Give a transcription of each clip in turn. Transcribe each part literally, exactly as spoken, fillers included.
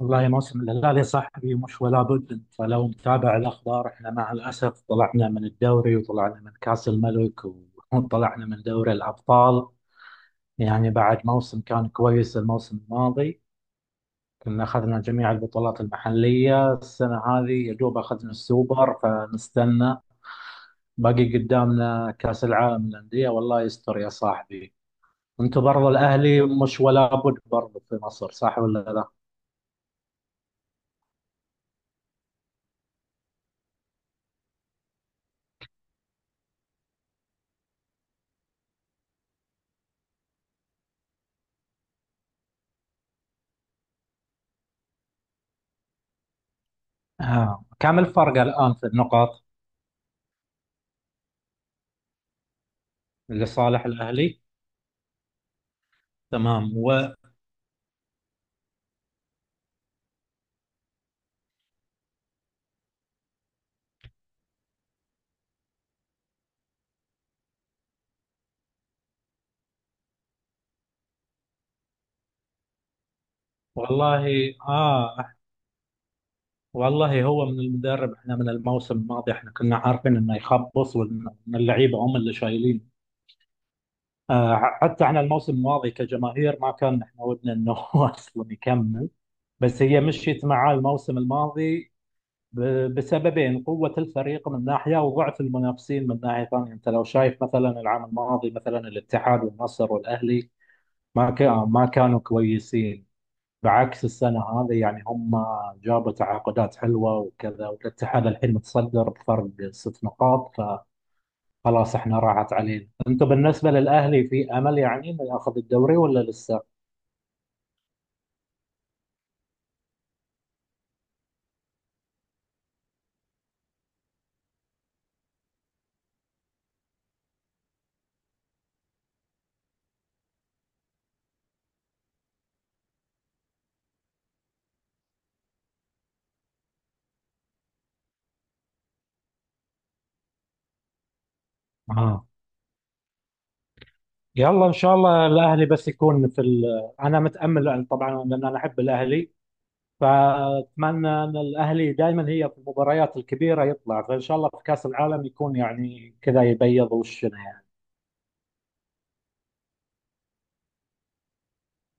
والله موسم الهلال يا صاحبي مش ولا بد. انت لو متابع الاخبار، احنا مع الاسف طلعنا من الدوري وطلعنا من كاس الملك وطلعنا من دوري الابطال. يعني بعد موسم كان كويس الموسم الماضي، كنا اخذنا جميع البطولات المحليه، السنه هذه يا دوب اخذنا السوبر، فنستنى باقي قدامنا كاس العالم للانديه، والله يستر يا صاحبي. انتوا برضو الاهلي مش ولا بد برضو في مصر، صح ولا لا؟ آه. كم الفرق الان في النقط؟ لصالح الاهلي. تمام و... والله اه. والله هو من المدرب، احنا من الموسم الماضي احنا كنا عارفين انه يخبص وان إن اللعيبه هم اللي شايلين. آه، ح- حتى احنا الموسم الماضي كجماهير ما كان احنا ودنا انه هو اصلا يكمل. بس هي مشيت معاه الموسم الماضي ب... بسببين: قوه الفريق من ناحيه وضعف المنافسين من ناحيه ثانيه. انت لو شايف مثلا العام الماضي مثلا، الاتحاد والنصر والاهلي ما كان ما كانوا كويسين، بعكس السنة هذه. يعني هم جابوا تعاقدات حلوة وكذا، والاتحاد الحين متصدر بفرق ست نقاط. فخلاص احنا راحت علينا. انتم بالنسبة للأهلي في أمل يعني انه ياخذ الدوري ولا لسه؟ آه. يلا ان شاء الله الأهلي بس يكون في ال... انا متأمل يعني طبعا لأن انا احب الأهلي، فأتمنى أن الأهلي دائما هي في المباريات الكبيرة يطلع، فإن شاء الله في كأس العالم يكون يعني كذا يبيض وشنا يعني.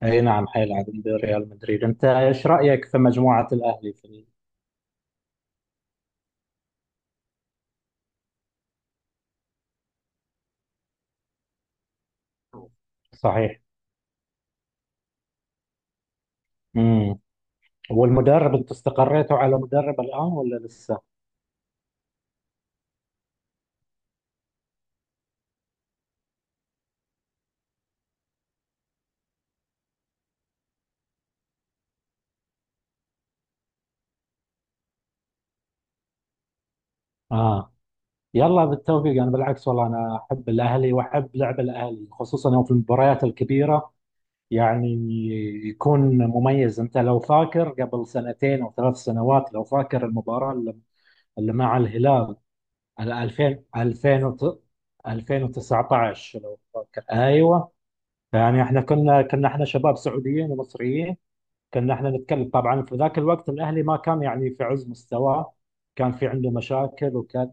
اي نعم حيلعب ضد ريال مدريد. انت ايش رايك في مجموعه الاهلي في ال- صحيح. امم. والمدرب، انت استقريتوا على مدرب الان ولا لسه؟ اه، يلا بالتوفيق. انا بالعكس والله انا احب الاهلي واحب لعب الاهلي خصوصا يوم في المباريات الكبيره، يعني يكون مميز. انت لو فاكر قبل سنتين او ثلاث سنوات، لو فاكر المباراه اللي اللي مع الهلال على 2000 2000 ألفين وتسعطاشر، لو فاكر، ايوه. يعني احنا كنا كنا احنا شباب سعوديين ومصريين، كنا احنا نتكلم. طبعا في ذاك الوقت الاهلي ما كان يعني في عز مستواه، كان في عنده مشاكل وكان.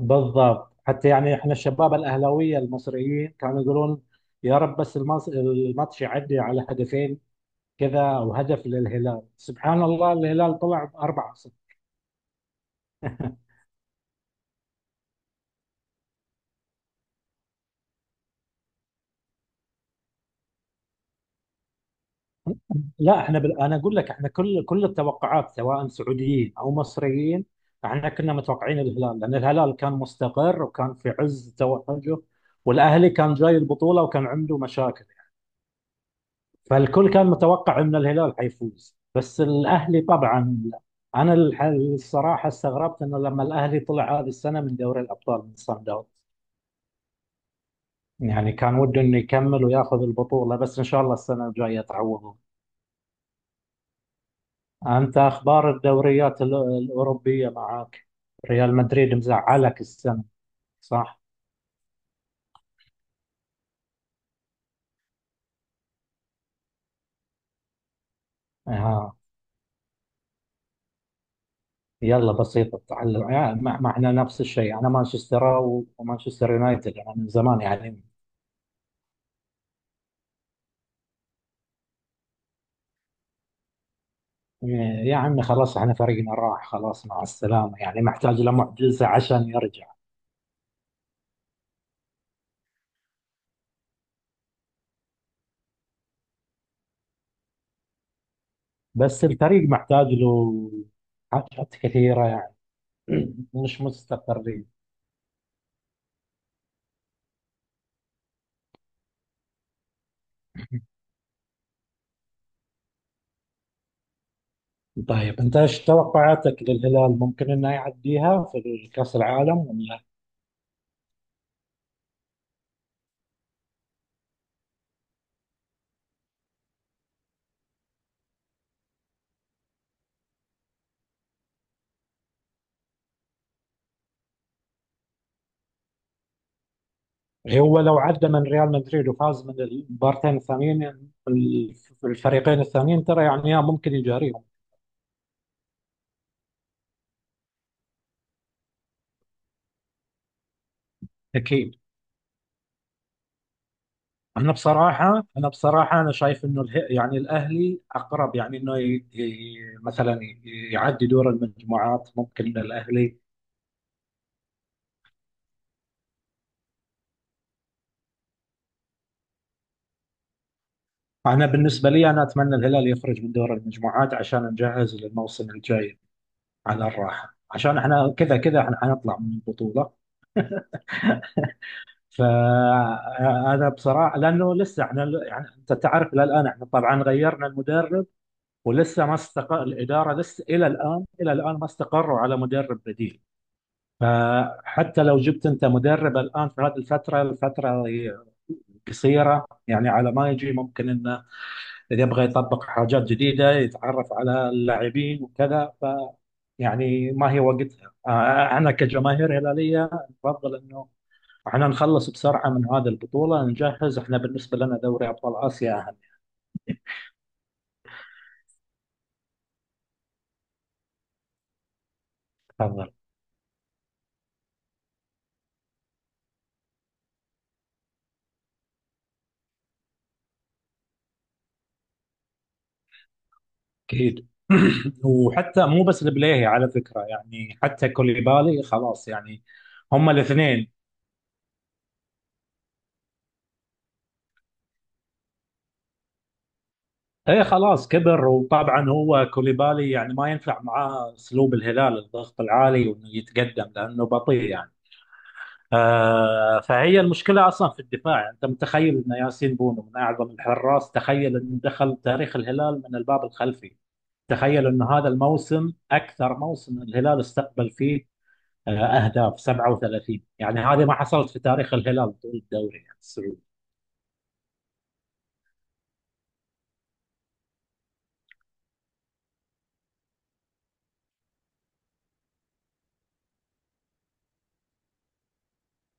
بالضبط، حتى يعني احنا الشباب الاهلاويه المصريين كانوا يقولون يا رب بس المص- الماتش يعدي على هدفين كذا او هدف للهلال، سبحان الله الهلال طلع باربعه. لا احنا بال... انا اقول لك احنا كل كل التوقعات سواء سعوديين او مصريين، احنا كنا متوقعين الهلال لان الهلال كان مستقر وكان في عز توجه، والاهلي كان جاي البطوله وكان عنده مشاكل. فالكل كان متوقع ان الهلال حيفوز، بس الاهلي طبعا. انا الح- الصراحه استغربت انه لما الاهلي طلع هذه السنه من دوري الابطال من صن داونز، يعني كان وده انه يكمل وياخذ البطوله. بس ان شاء الله السنه الجايه تعوض. أنت أخبار الدوريات ال- الأوروبية معاك؟ ريال مدريد مزعلك السنة، صح؟ ها، يلا بسيطة، التعلم يعني مع- معنا نفس الشيء. أنا مانشستر و- ومانشستر يونايتد أنا من زمان يعني، آه، يا عمي خلاص احنا فريقنا راح، خلاص مع السلامة، يعني محتاج له معجزة عشان يرجع. بس الفريق محتاج له حاجات كثيرة يعني. مش مستقرين. طيب انت ايش توقعاتك للهلال، ممكن انه يعديها في كأس العالم؟ هو لو عدى من ريال مدريد وفاز من المبارتين الثانيين، الف- الفريقين الثانيين، ترى يعني ممكن يجاريهم. اكيد. انا بصراحه انا بصراحه انا شايف انه اله- يعني الاهلي اقرب، يعني انه ي- ي- مثلا ي- يعدي دور المجموعات، ممكن إن الاهلي. انا بالنسبه لي انا اتمنى الهلال يخرج من دور المجموعات عشان نجهز للموسم الجاي على الراحه، عشان احنا كذا كذا احنا حنطلع من البطوله. فانا بصراحه لانه لسه احنا، يعني انت تعرف الى الان احنا طبعا غيرنا المدرب ولسه ما استقر الاداره، لسه الى الان الى الان ما استقروا على مدرب بديل. فحتى لو جبت انت مدرب الان في هذه الفتره الفتره قصيره يعني، على ما يجي ممكن انه اذا يبغى يطبق حاجات جديده يتعرف على اللاعبين وكذا، فيعني ما هي وقتها. آه، انا كجماهير هلاليه افضل انه احنا نخلص بسرعة من هذه البطولة نجهز. احنا بالنسبة لنا دوري أبطال آسيا أهم. تفضل. أكيد. وحتى مو بس البليهي على فكرة، يعني حتى كوليبالي خلاص يعني. هما الاثنين. ايه خلاص كبر. وطبعا هو كوليبالي يعني ما ينفع معاه اسلوب الهلال، الضغط العالي وانه يتقدم لانه بطيء يعني. آه، فهي المشكله اصلا في الدفاع. يعني انت متخيل ان ياسين بونو من اعظم الحراس، تخيل انه دخل تاريخ الهلال من الباب الخلفي. تخيل أن هذا الموسم أكثر موسم الهلال استقبل فيه آه، أهداف، سبعة وثلاثين يعني، هذه ما حصلت في تاريخ الهلال طول الدوري يعني السعودي.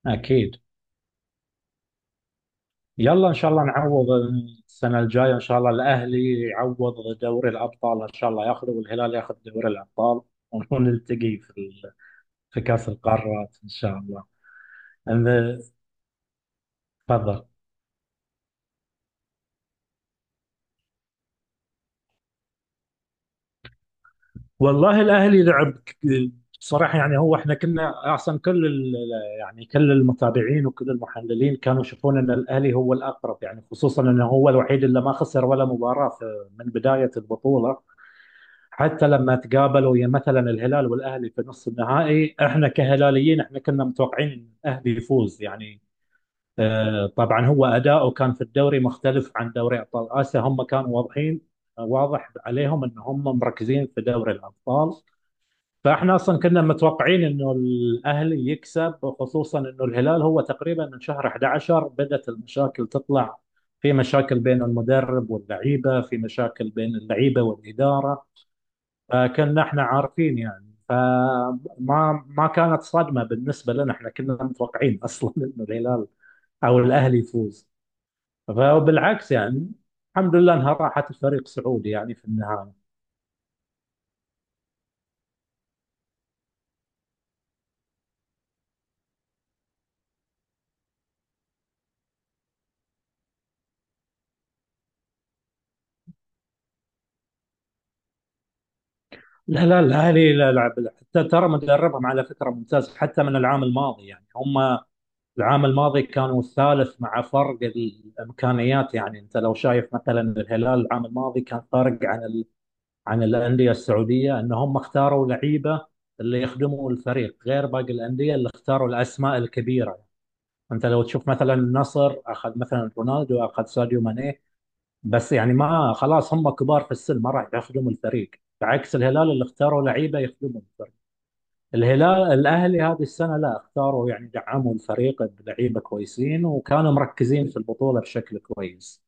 أكيد. يلا إن شاء الله نعوض السنة الجاية، إن شاء الله الأهلي يعوض دوري الأبطال إن شاء الله ياخذه، والهلال ياخذ دوري الأبطال، ونلتقي في ال- في كأس القارات إن شاء الله. أنا- تفضل. والله الاهلي لعب ك- بصراحه، يعني هو احنا كنا احسن. كل ال- يعني كل المتابعين وكل المحللين كانوا يشوفون ان الاهلي هو الاقرب، يعني خصوصا انه هو الوحيد اللي ما خسر ولا مباراه في- من بدايه البطوله. حتى لما تقابلوا يا مثلا الهلال والاهلي في نصف النهائي، احنا كهلاليين احنا كنا متوقعين ان الاهلي يفوز يعني. آه، طبعا هو اداؤه كان في الدوري مختلف عن دوري ابطال اسيا، هم كانوا واضحين، آه، واضح عليهم ان هم مركزين في دوري الابطال. فاحنا اصلا كنا متوقعين انه الاهلي يكسب، خصوصا انه الهلال هو تقريبا من شهر أحد عشر بدات المشاكل تطلع، في مشاكل بين المدرب واللعيبه، في مشاكل بين اللعيبه والاداره. فكنا احنا عارفين يعني، فما ما كانت صدمه بالنسبه لنا، احنا كنا متوقعين اصلا انه الهلال او الاهلي يفوز. فبالعكس يعني، الحمد لله انها راحت الفريق سعودي يعني في النهايه. لا لا، الأهلي لا لعب، حتى ترى مدربهم على فكرة ممتاز حتى من العام الماضي. يعني هم العام الماضي كانوا الثالث مع فرق الإمكانيات. يعني أنت لو شايف مثلا الهلال العام الماضي، كان فارق عن ال... عن الأندية السعودية، أن هم اختاروا لعيبة اللي يخدموا الفريق غير باقي الأندية اللي اختاروا الأسماء الكبيرة. أنت لو تشوف مثلا النصر أخذ مثلا رونالدو، أخذ ساديو ماني، بس يعني ما خلاص هم كبار في السن ما راح يخدموا الفريق، بعكس الهلال اللي اختاروا لعيبه يخدمهم. الهلال الاهلي هذه السنه لا، اختاروا يعني دعموا الفريق بلعيبه كويسين وكانوا مركزين في البطوله بشكل كويس.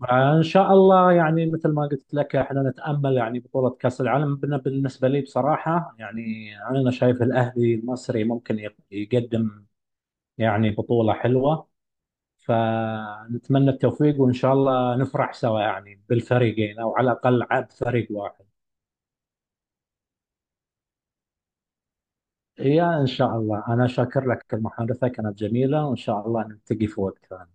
فان شاء الله يعني مثل ما قلت لك احنا نتامل يعني بطوله كاس العالم. بن- بالنسبه لي بصراحه يعني انا شايف الاهلي المصري ممكن يق- يقدم يعني بطوله حلوه. فنتمنى التوفيق وان شاء الله نفرح سوا يعني بالفريقين، او على الاقل عاد فريق واحد. يا إن شاء الله، أنا شاكر لك، المحادثة كانت جميلة وإن شاء الله نلتقي في وقت ثاني.